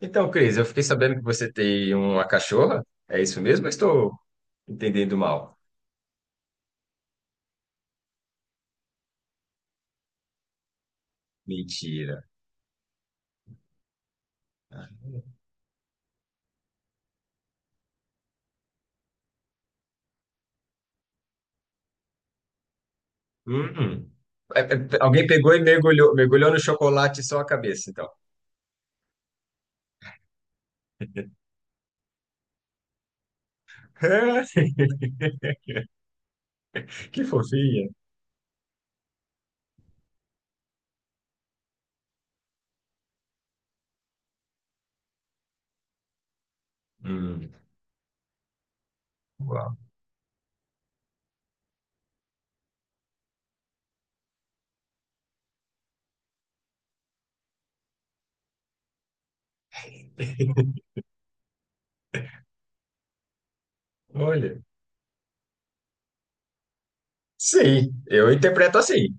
Então, Cris, eu fiquei sabendo que você tem uma cachorra. É isso mesmo? Eu estou entendendo mal. Mentira. Hum. Hum. É, é. Alguém pegou e mergulhou, mergulhou no chocolate só a cabeça, então. Que fofinha. Hum. Uau. Olha. Sim, eu interpreto assim.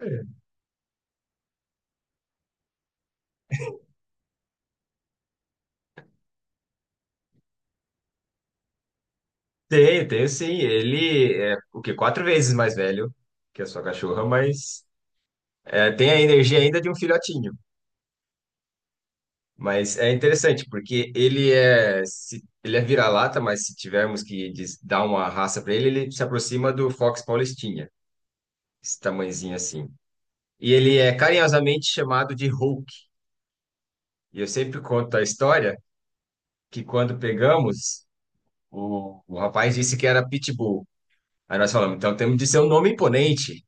É. Tenho, tenho sim. Ele é o quê? 4 vezes mais velho que a sua cachorra, mas tem a energia ainda de um filhotinho. Mas é interessante, porque ele é vira-lata, mas se tivermos que dar uma raça para ele, ele se aproxima do Fox Paulistinha, esse tamanhozinho assim. E ele é carinhosamente chamado de Hulk. E eu sempre conto a história que quando pegamos, o rapaz disse que era Pitbull. Aí nós falamos, então temos de ser um nome imponente.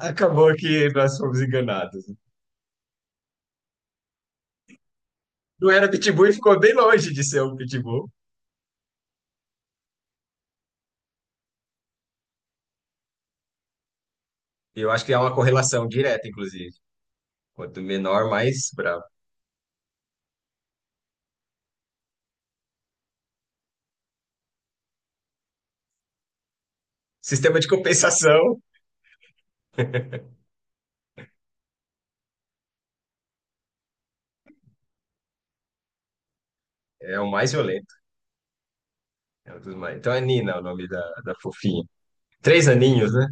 Acabou que nós fomos enganados. Não era Pitbull e ficou bem longe de ser um Pitbull. Eu acho que há uma correlação direta, inclusive. Quanto menor, mais bravo. Sistema de compensação é o mais violento. É um dos mais... Então é Nina o nome da fofinha. 3 aninhos, né?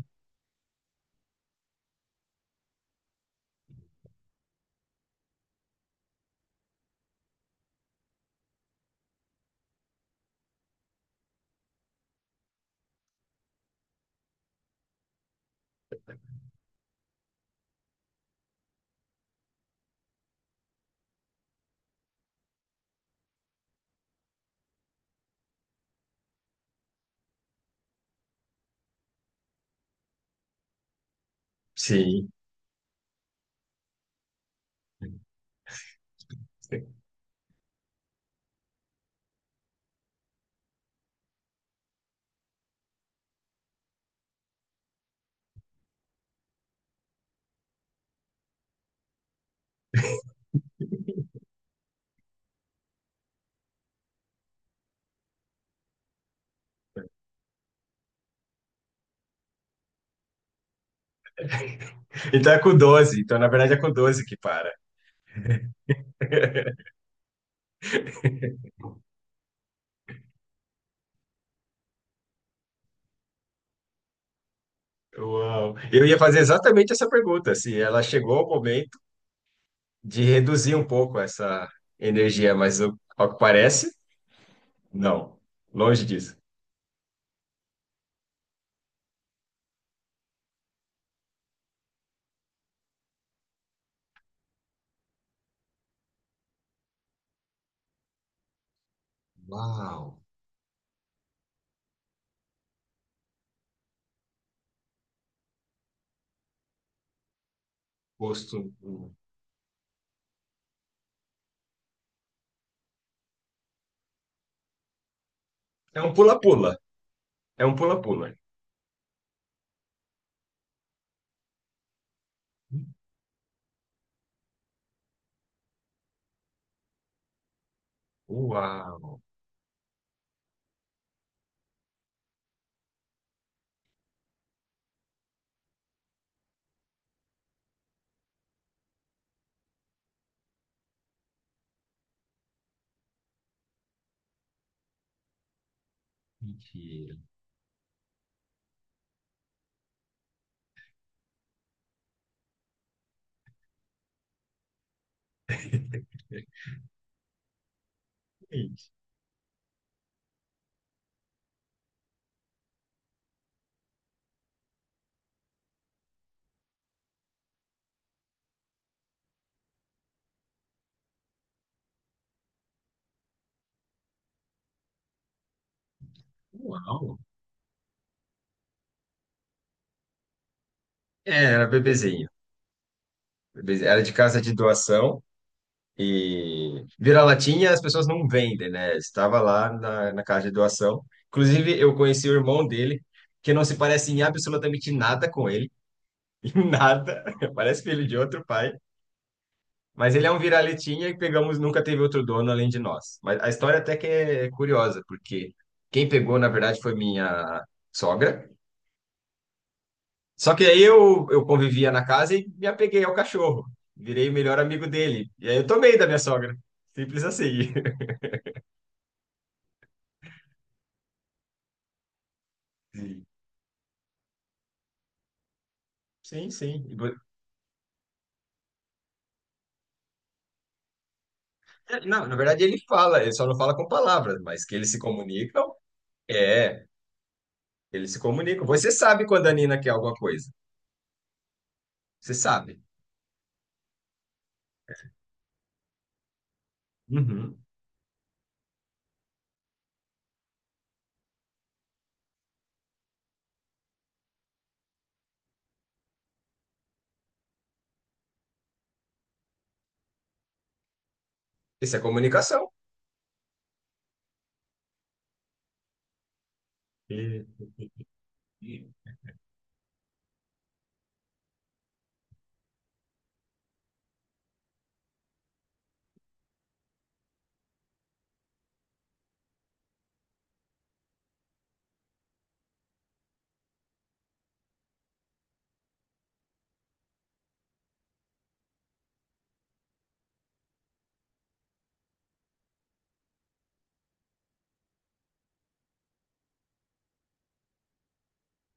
Sim. Então é com 12. Então, na verdade, é com 12 que para. Uau. Eu ia fazer exatamente essa pergunta, se ela chegou ao momento de reduzir um pouco essa energia, mas ao que parece, não. Longe disso. Uau. Gosto. É um pula-pula. É um pula-pula. Uau. Mentira. Gente. Uau. É, era bebezinho. Era de casa de doação e vira-latinha as pessoas não vendem, né? Estava lá na casa de doação. Inclusive, eu conheci o irmão dele, que não se parece em absolutamente nada com ele. Em nada. Parece filho de outro pai. Mas ele é um vira-latinha e pegamos, nunca teve outro dono além de nós. Mas a história até que é curiosa, porque quem pegou, na verdade, foi minha sogra. Só que aí eu convivia na casa e me apeguei ao cachorro. Virei o melhor amigo dele. E aí eu tomei da minha sogra. Simples assim. Sim, sim, sim. Não, na verdade ele fala, ele só não fala com palavras, mas que eles se comunicam. É, eles se comunicam. Você sabe quando a Nina quer alguma coisa. Você sabe. Uhum. Isso é comunicação. E- e-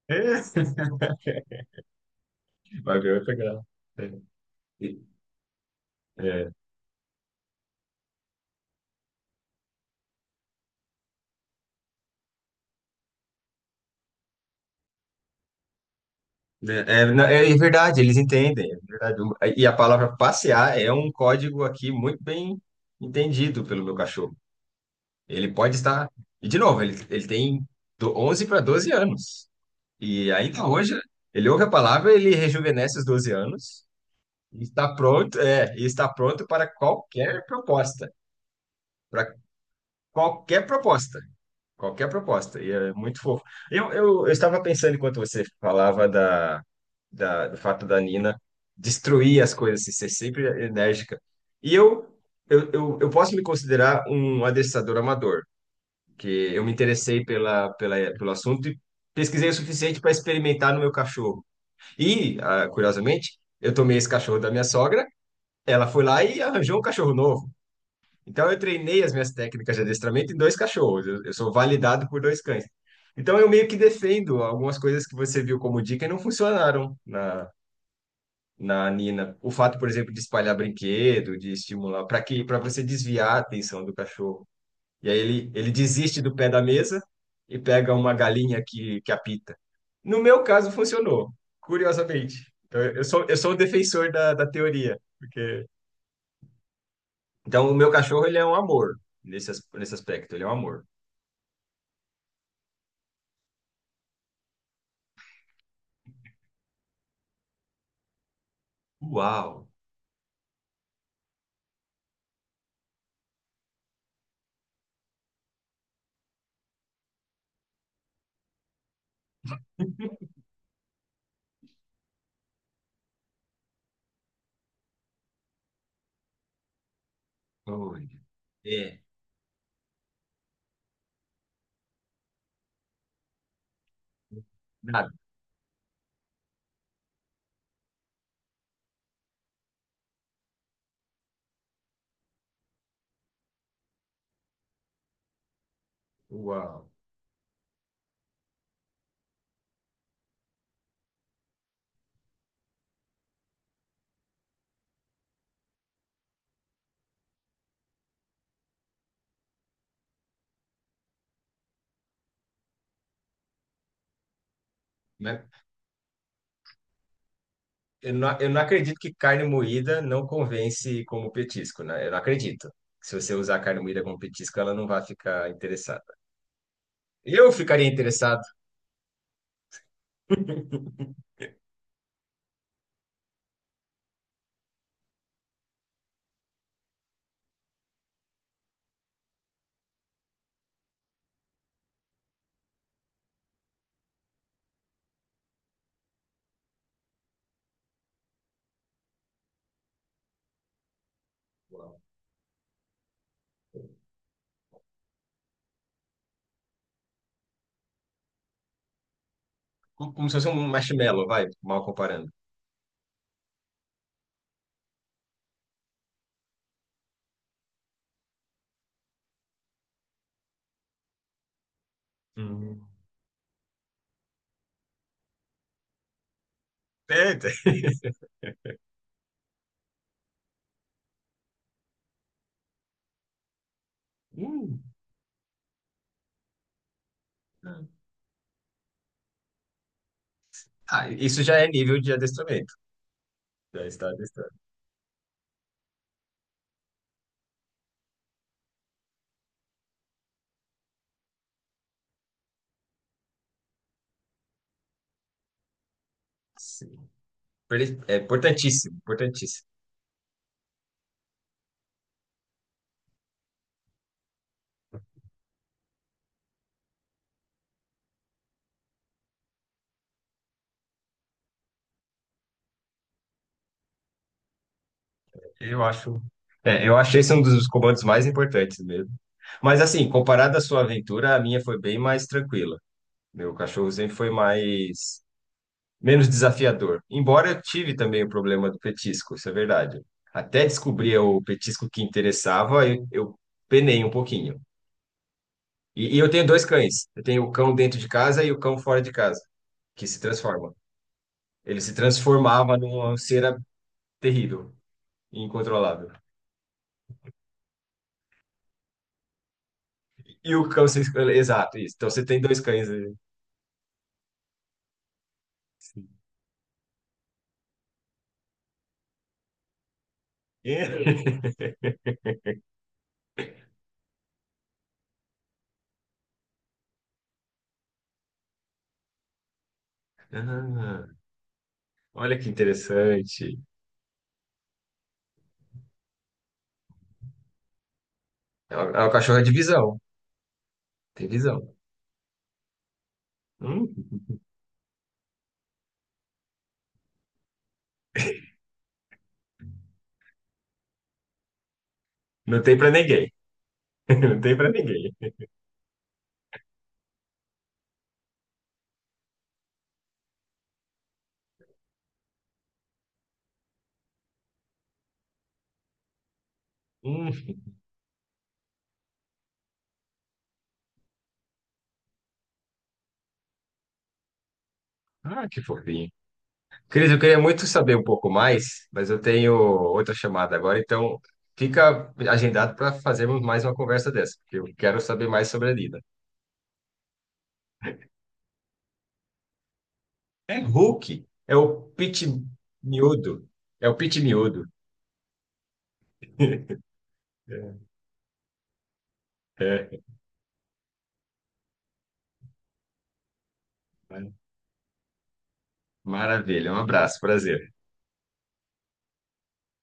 É. Vai ver, vai pegar. É. É, é, não, é verdade, eles entendem, é verdade. E a palavra passear é um código aqui muito bem entendido pelo meu cachorro. Ele pode estar. E, de novo, ele tem do 11 para 12 anos. E ainda hoje, ele ouve a palavra, ele rejuvenesce os 12 anos e está pronto, e está pronto para qualquer proposta. Para qualquer proposta. Qualquer proposta, e é muito fofo. Eu estava pensando enquanto você falava do fato da Nina destruir as coisas, assim, ser sempre enérgica. E eu posso me considerar um adestrador amador, que eu me interessei pelo assunto e pesquisei o suficiente para experimentar no meu cachorro. E, curiosamente, eu tomei esse cachorro da minha sogra, ela foi lá e arranjou um cachorro novo. Então, eu treinei as minhas técnicas de adestramento em dois cachorros. Eu sou validado por dois cães. Então, eu meio que defendo algumas coisas que você viu como dica e não funcionaram na Nina. O fato, por exemplo, de espalhar brinquedo, de estimular, para você desviar a atenção do cachorro. E aí ele desiste do pé da mesa e pega uma galinha que apita. No meu caso, funcionou, curiosamente. Então, eu sou o defensor da teoria, porque... Então, o meu cachorro, ele é um amor nesse aspecto, ele é um amor. Uau! Oi. É, nada. Uau! Né? Eu não acredito que carne moída não convence como petisco, né? Eu não acredito. Se você usar carne moída como petisco, ela não vai ficar interessada. Eu ficaria interessado. Uau. Como se fosse um marshmallow, vai, mal comparando. Hum. É. Hum. Ah, isso já é nível de adestramento. Já está adestrado. Sim. É importantíssimo, importantíssimo. Eu acho. É, eu achei esse um dos comandos mais importantes mesmo. Mas assim, comparado à sua aventura, a minha foi bem mais tranquila. Meu cachorro sempre foi mais menos desafiador. Embora eu tive também o problema do petisco, isso é verdade. Até descobrir o petisco que interessava, eu penei um pouquinho. E eu tenho dois cães. Eu tenho o cão dentro de casa e o cão fora de casa, que se transforma. Ele se transformava numa cera terrível, incontrolável. E o cão se... Exato, isso. Então você tem dois cães aí. Sim. Ah, olha que interessante. É o cachorro é de visão. Tem visão. Hum, não tem pra ninguém. Não tem pra ninguém. Hum, que fofinho. Cris, eu queria muito saber um pouco mais, mas eu tenho outra chamada agora, então fica agendado para fazermos mais uma conversa dessa, porque eu quero saber mais sobre a Lina. É Hulk, é o Pit Miúdo, é o Pit Miúdo. É. Maravilha, um abraço, prazer.